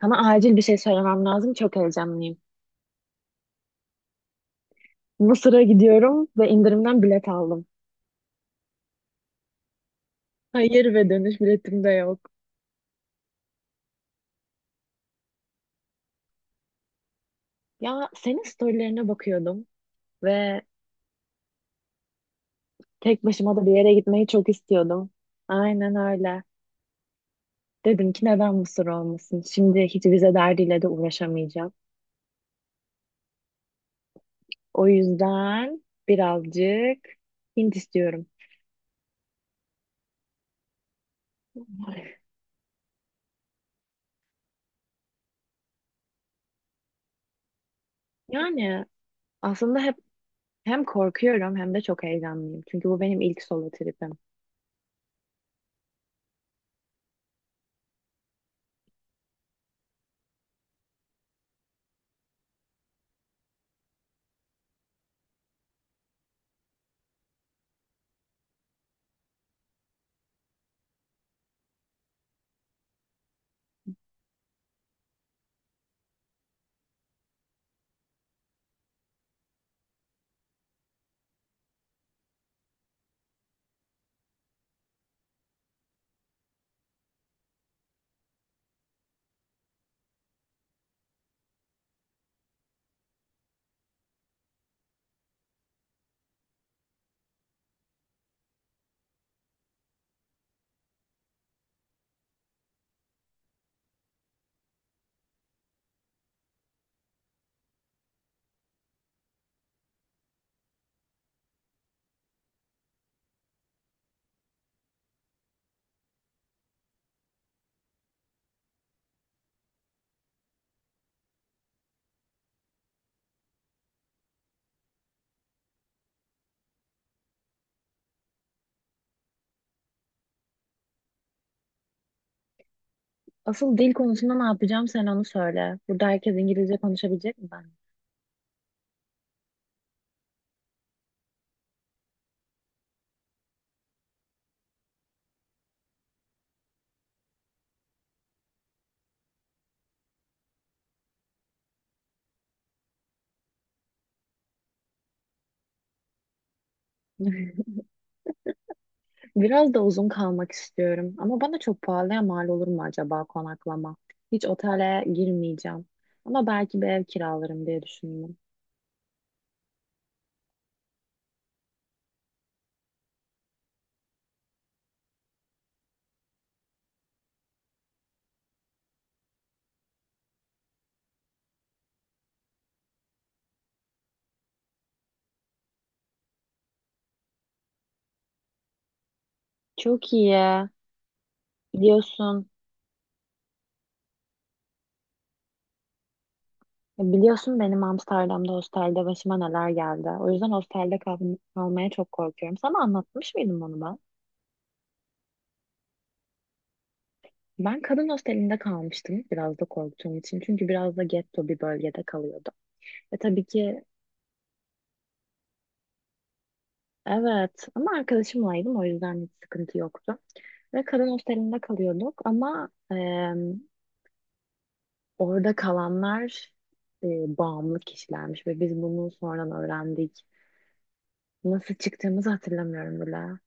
Sana acil bir şey söylemem lazım. Çok heyecanlıyım. Mısır'a gidiyorum ve indirimden bilet aldım. Hayır ve dönüş biletim de yok. Ya senin storylerine bakıyordum ve tek başıma da bir yere gitmeyi çok istiyordum. Aynen öyle. Dedim ki neden Mısır olmasın? Şimdi hiç vize derdiyle de uğraşamayacağım. O yüzden birazcık Hint istiyorum. Yani aslında hep hem korkuyorum hem de çok heyecanlıyım. Çünkü bu benim ilk solo tripim. Asıl dil konusunda ne yapacağım sen onu söyle. Burada herkes İngilizce konuşabilecek mi ben? Biraz da uzun kalmak istiyorum. Ama bana çok pahalıya mal olur mu acaba konaklama? Hiç otele girmeyeceğim. Ama belki bir ev kiralarım diye düşündüm. Çok iyi. Biliyorsun. Biliyorsun benim Amsterdam'da hostelde başıma neler geldi. O yüzden hostelde kalmaya çok korkuyorum. Sana anlatmış mıydım onu ben? Ben kadın hostelinde kalmıştım biraz da korktuğum için. Çünkü biraz da getto bir bölgede kalıyordum. Ve tabii ki. Evet ama arkadaşımlaydım o yüzden hiç sıkıntı yoktu. Ve kadın hostelinde kalıyorduk ama orada kalanlar bağımlı kişilermiş ve biz bunu sonradan öğrendik. Nasıl çıktığımızı hatırlamıyorum bile.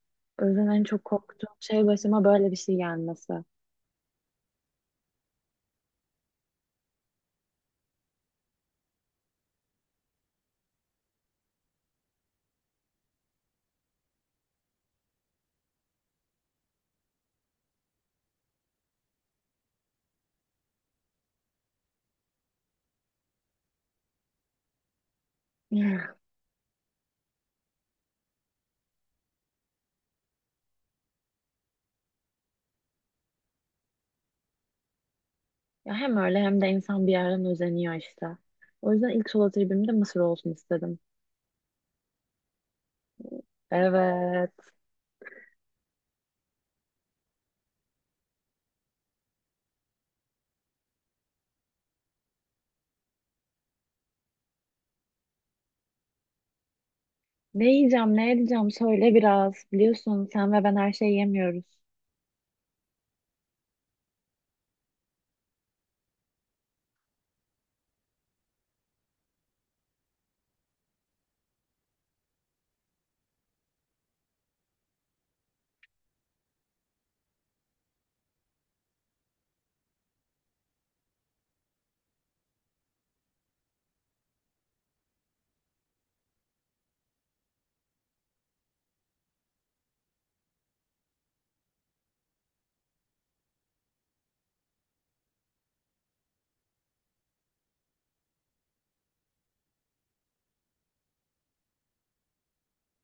O yüzden en çok korktuğum şey başıma böyle bir şey gelmesi. Ya hem öyle hem de insan bir yerden özeniyor işte. O yüzden ilk solo tribim de Mısır olsun istedim. Evet. Ne yiyeceğim, ne edeceğim söyle biraz. Biliyorsun sen ve ben her şeyi yemiyoruz.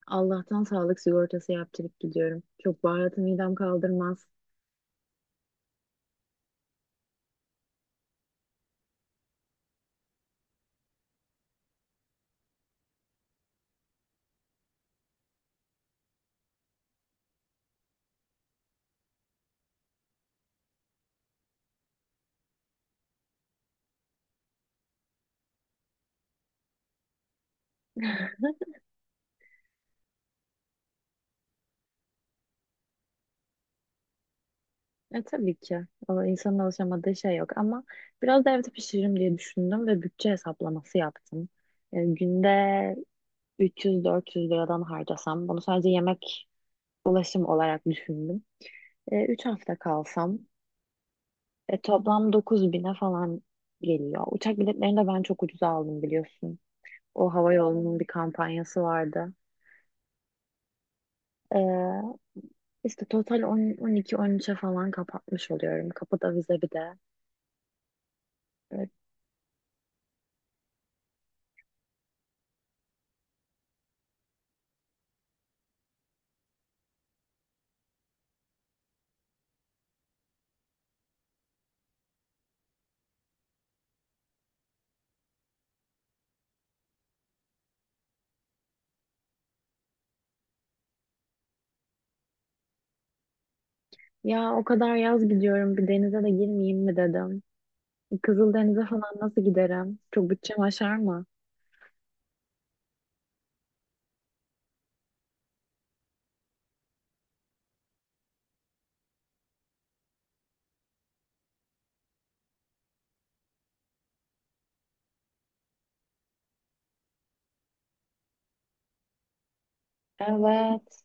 Allah'tan sağlık sigortası yaptırıp gidiyorum. Çok baharatı midem kaldırmaz. E tabii ki. O insanın alışamadığı şey yok ama biraz da evde pişiririm diye düşündüm ve bütçe hesaplaması yaptım. E, günde 300-400 liradan harcasam, bunu sadece yemek ulaşım olarak düşündüm. E, 3 hafta kalsam e, toplam 9.000'e falan geliyor. Uçak biletlerini de ben çok ucuza aldım biliyorsun. O hava yolunun bir kampanyası vardı. E, İşte total 10, 12 üçe falan kapatmış oluyorum. Kapıda vize bir de. Evet. Ya o kadar yaz gidiyorum bir denize de girmeyeyim mi dedim. Kızıldeniz'e falan nasıl giderim? Çok bütçem aşar mı? Evet.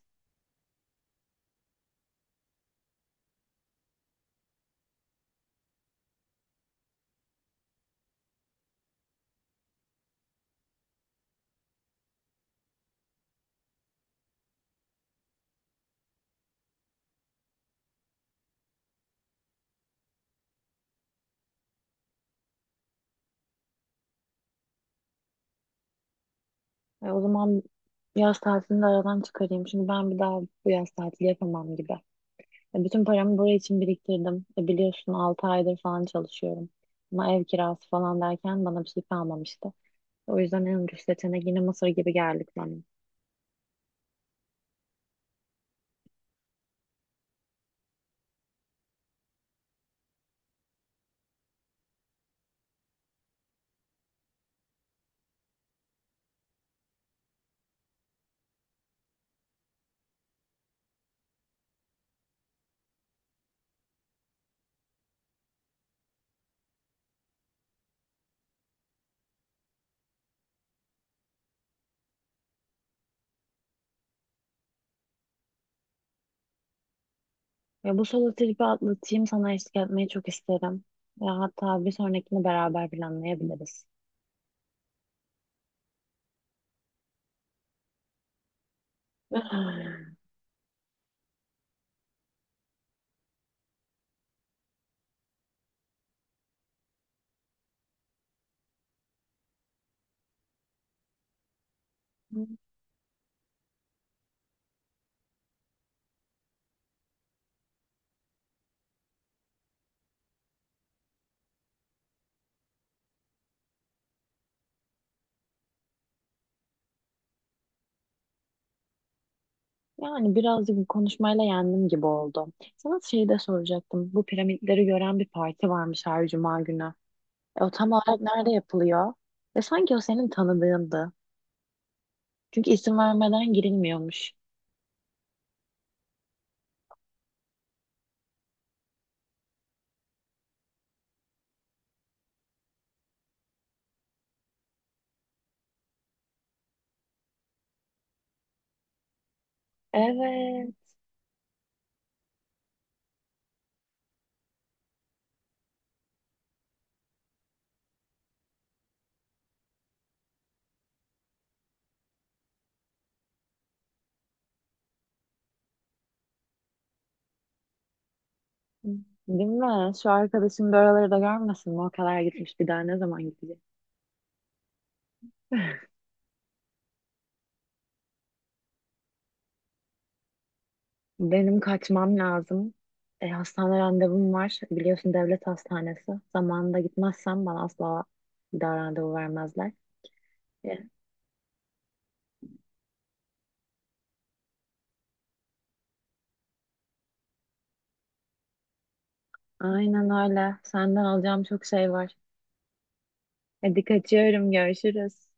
E, o zaman yaz tatilini de aradan çıkarayım. Çünkü ben bir daha bu yaz tatili yapamam gibi. E, bütün paramı buraya için biriktirdim. E, biliyorsun 6 aydır falan çalışıyorum. Ama ev kirası falan derken bana bir şey kalmamıştı. O yüzden en ucuz seçenek yine Mısır gibi geldik bana. Ya bu solo tripi atlatayım sana eşlik etmeyi çok isterim. Ya hatta bir sonrakini beraber planlayabiliriz. Yani birazcık bu konuşmayla yendim gibi oldu. Sana şeyi de soracaktım. Bu piramitleri gören bir parti varmış her cuma günü. E, o tam olarak nerede yapılıyor? Ve sanki o senin tanıdığındı. Çünkü isim vermeden girilmiyormuş. Evet. Değil mi? Şu arkadaşım da oraları da görmesin mi? O kadar gitmiş bir daha ne zaman gidecek? Benim kaçmam lazım. E, hastane randevum var. Biliyorsun devlet hastanesi. Zamanında gitmezsem bana asla bir daha randevu vermezler. E, aynen öyle. Senden alacağım çok şey var. Hadi kaçıyorum. Görüşürüz.